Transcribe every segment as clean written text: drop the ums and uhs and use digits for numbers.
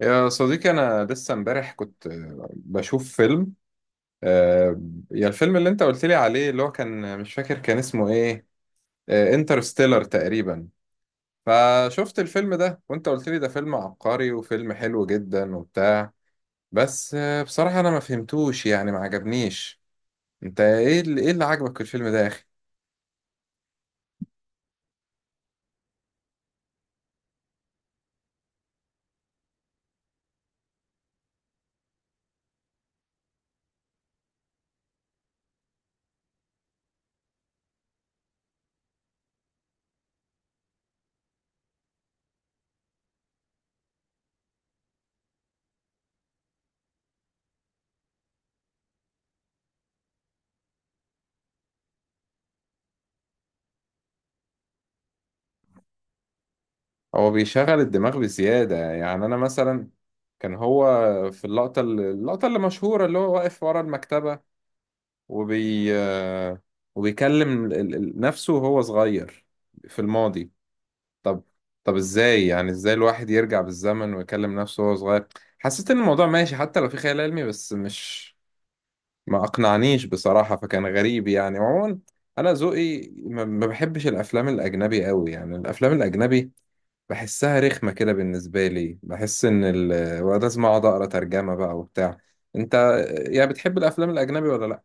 يا صديقي أنا لسه امبارح كنت بشوف فيلم آه، يا الفيلم اللي أنت قلت لي عليه اللي هو كان مش فاكر كان اسمه إيه. انترستيلر تقريبا. فشفت الفيلم ده وأنت قلت لي ده فيلم عبقري وفيلم حلو جدا وبتاع. بس بصراحة أنا ما فهمتوش يعني ما عجبنيش. أنت إيه اللي عجبك في الفيلم ده يا أخي؟ هو بيشغل الدماغ بزيادة. يعني أنا مثلا كان هو في اللقطة اللي مشهورة اللي هو واقف ورا المكتبة، وبي آه، وبيكلم نفسه وهو صغير في الماضي. طب طب ازاي، يعني ازاي الواحد يرجع بالزمن ويكلم نفسه وهو صغير؟ حسيت ان الموضوع ماشي حتى لو في خيال علمي، بس مش ما اقنعنيش بصراحة، فكان غريب يعني. وعموما انا ذوقي ما بحبش الافلام الاجنبي قوي. يعني الافلام الاجنبي بحسها رخمة كده، بالنسبة لي بحس ان ال... ولازم اقعد اقرا ترجمة بقى وبتاع. انت يعني بتحب الافلام الاجنبي ولا لا؟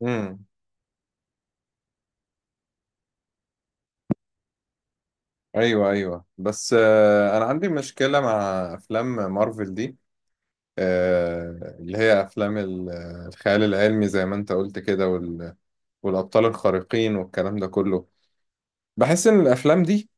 امم ايوه ايوه، بس انا عندي مشكله مع افلام مارفل دي. اللي هي افلام الخيال العلمي زي ما انت قلت كده، والابطال الخارقين والكلام ده كله. بحس ان الافلام دي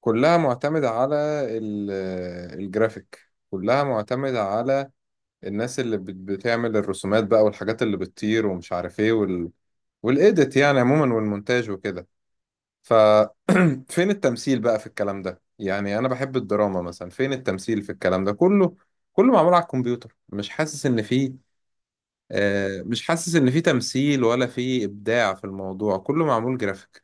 كلها معتمده على الجرافيك، كلها معتمده على الناس اللي بتعمل الرسومات بقى والحاجات اللي بتطير ومش عارف ايه وال... والايديت يعني عموما، والمونتاج وكده. ف فين التمثيل بقى في الكلام ده؟ يعني انا بحب الدراما مثلا، فين التمثيل في الكلام ده كله؟ كله معمول على الكمبيوتر، مش حاسس ان فيه مش حاسس ان فيه تمثيل ولا فيه ابداع في الموضوع، كله معمول جرافيك.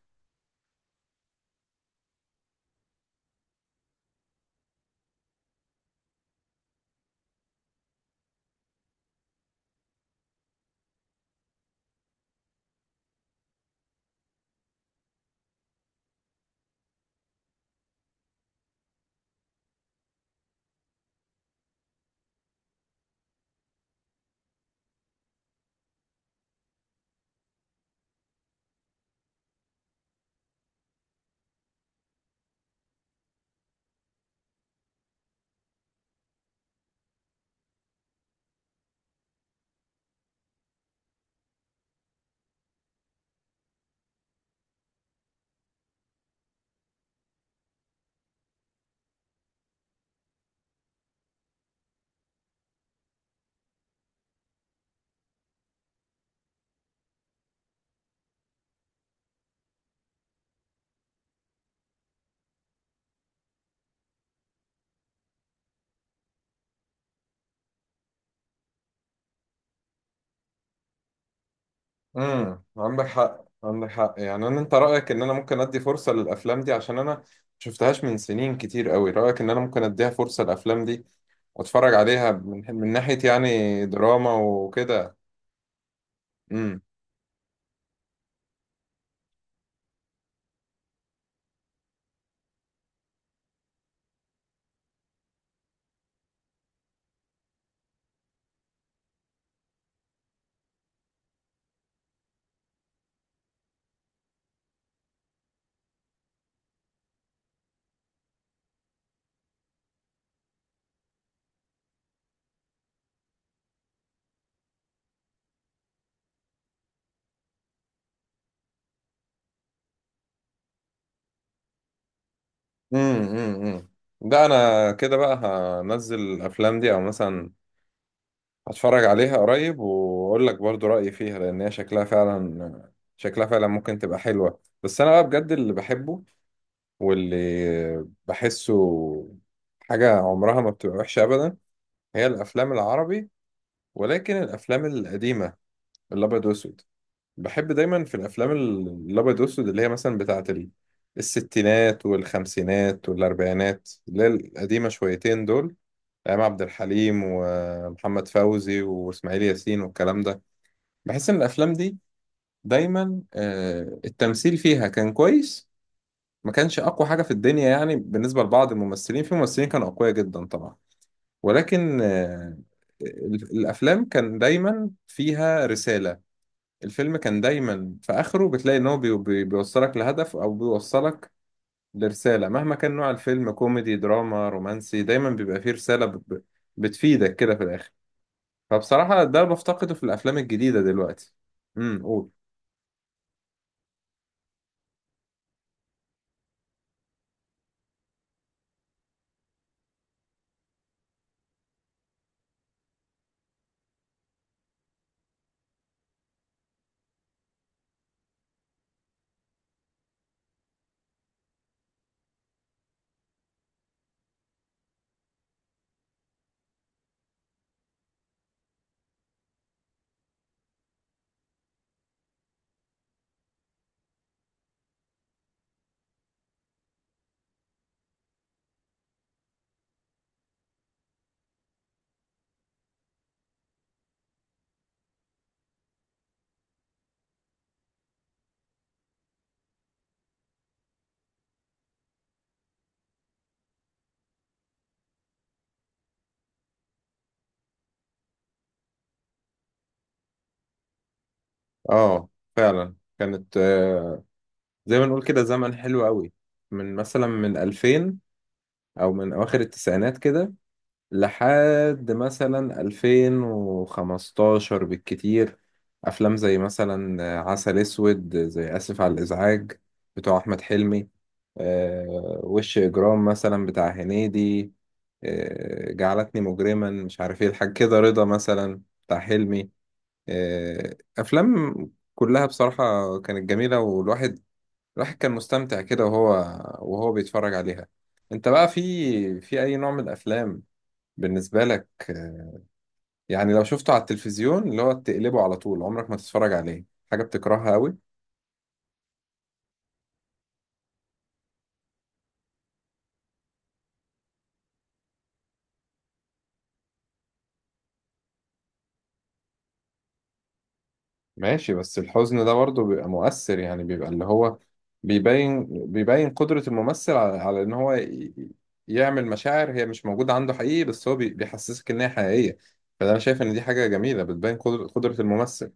عندك حق، عندك حق. يعني انا انت رايك ان انا ممكن ادي فرصه للافلام دي؟ عشان انا شفتهاش من سنين كتير قوي. رايك ان انا ممكن اديها فرصه للافلام دي واتفرج عليها من, من ناحيه يعني دراما وكده؟ امم امم ده انا كده بقى هنزل الافلام دي، او مثلا هتفرج عليها قريب واقول لك برضو رايي فيها، لان هي شكلها فعلا، شكلها فعلا ممكن تبقى حلوه. بس انا بقى بجد اللي بحبه واللي بحسه حاجه عمرها ما بتبقى وحشه ابدا، هي الافلام العربي، ولكن الافلام القديمه الابيض واسود. بحب دايما في الافلام الابيض والاسود اللي هي مثلا بتاعه الستينات والخمسينات والاربعينات، اللي هي القديمه شويتين دول، ايام عبد الحليم ومحمد فوزي واسماعيل ياسين والكلام ده. بحس ان الافلام دي دايما التمثيل فيها كان كويس، ما كانش اقوى حاجه في الدنيا يعني بالنسبه لبعض الممثلين، في ممثلين كانوا اقوياء جدا طبعا، ولكن الافلام كان دايما فيها رساله. الفيلم كان دايما في اخره بتلاقي ان هو بي بي بيوصلك لهدف او بيوصلك لرسالة، مهما كان نوع الفيلم كوميدي دراما رومانسي، دايما بيبقى فيه رسالة بتفيدك كده في الاخر. فبصراحة ده بفتقده في الافلام الجديدة دلوقتي. قول. اه فعلا كانت زي ما نقول كده زمن حلو قوي، من مثلا من 2000 او من اواخر التسعينات كده لحد مثلا 2015 بالكتير. أفلام زي مثلا عسل أسود، زي آسف على الإزعاج بتوع أحمد حلمي، وش إجرام مثلا بتاع هنيدي، جعلتني مجرما، مش عارف إيه الحاجة كده، رضا مثلا بتاع حلمي، أفلام كلها بصراحة كانت جميلة، والواحد كان مستمتع كده وهو بيتفرج عليها. أنت بقى في أي نوع من الأفلام بالنسبة لك يعني لو شفته على التلفزيون اللي هو تقلبه على طول عمرك ما تتفرج عليه، حاجة بتكرهها قوي؟ ماشي، بس الحزن ده برضه بيبقى مؤثر. يعني بيبقى اللي هو بيبين بيبين قدرة الممثل على, على إن هو يعمل مشاعر هي مش موجودة عنده حقيقي، بس هو بيحسسك إن هي حقيقية. فده أنا شايف إن دي حاجة جميلة بتبين قدرة الممثل.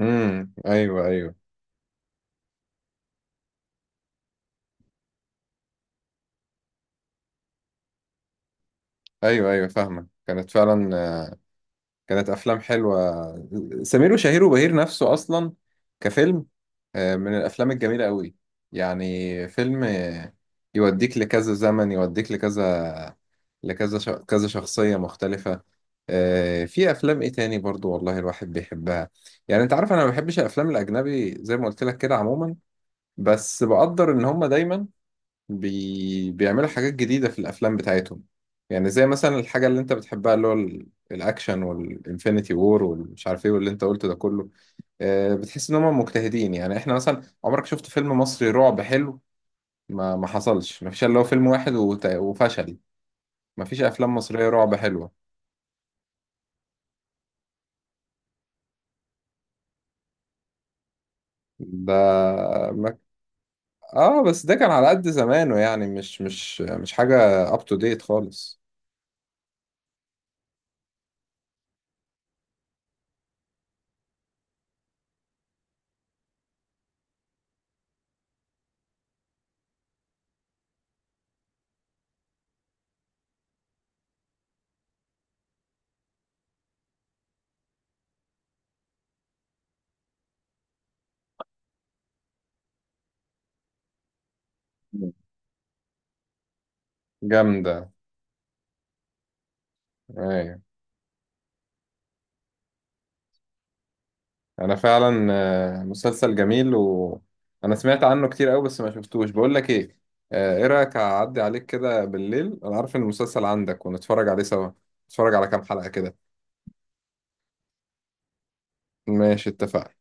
أيوه أيوه. أيوه أيوه، فاهمة، كانت فعلا كانت افلام حلوه. سمير وشهير وبهير نفسه اصلا كفيلم من الافلام الجميله قوي. يعني فيلم يوديك لكذا زمن، يوديك كذا شخصيه مختلفه. في افلام ايه تاني برضو والله الواحد بيحبها. يعني انت عارف انا ما بحبش الافلام الاجنبي زي ما قلت لك كده عموما، بس بقدر ان هم دايما بيعملوا حاجات جديدة في الأفلام بتاعتهم. يعني زي مثلا الحاجة اللي أنت بتحبها اللي هو الأكشن والإنفينيتي وور والمش عارف إيه واللي أنت قلته ده كله. بتحس إن هم مجتهدين. يعني إحنا مثلا عمرك شفت فيلم مصري رعب حلو؟ ما حصلش، ما فيش إلا هو فيلم واحد وفشل. ما فيش أفلام مصرية رعب حلوة. ده ما... آه بس ده كان على قد زمانه، يعني مش مش حاجة up to date خالص. جامدة، أيوة. انا فعلا مسلسل جميل وانا سمعت عنه كتير قوي بس ما شفتوش. بقول لك ايه، ايه رايك اعدي عليك كده بالليل، انا عارف ان المسلسل عندك، ونتفرج عليه سوا، نتفرج على كام حلقة كده؟ ماشي، اتفقنا.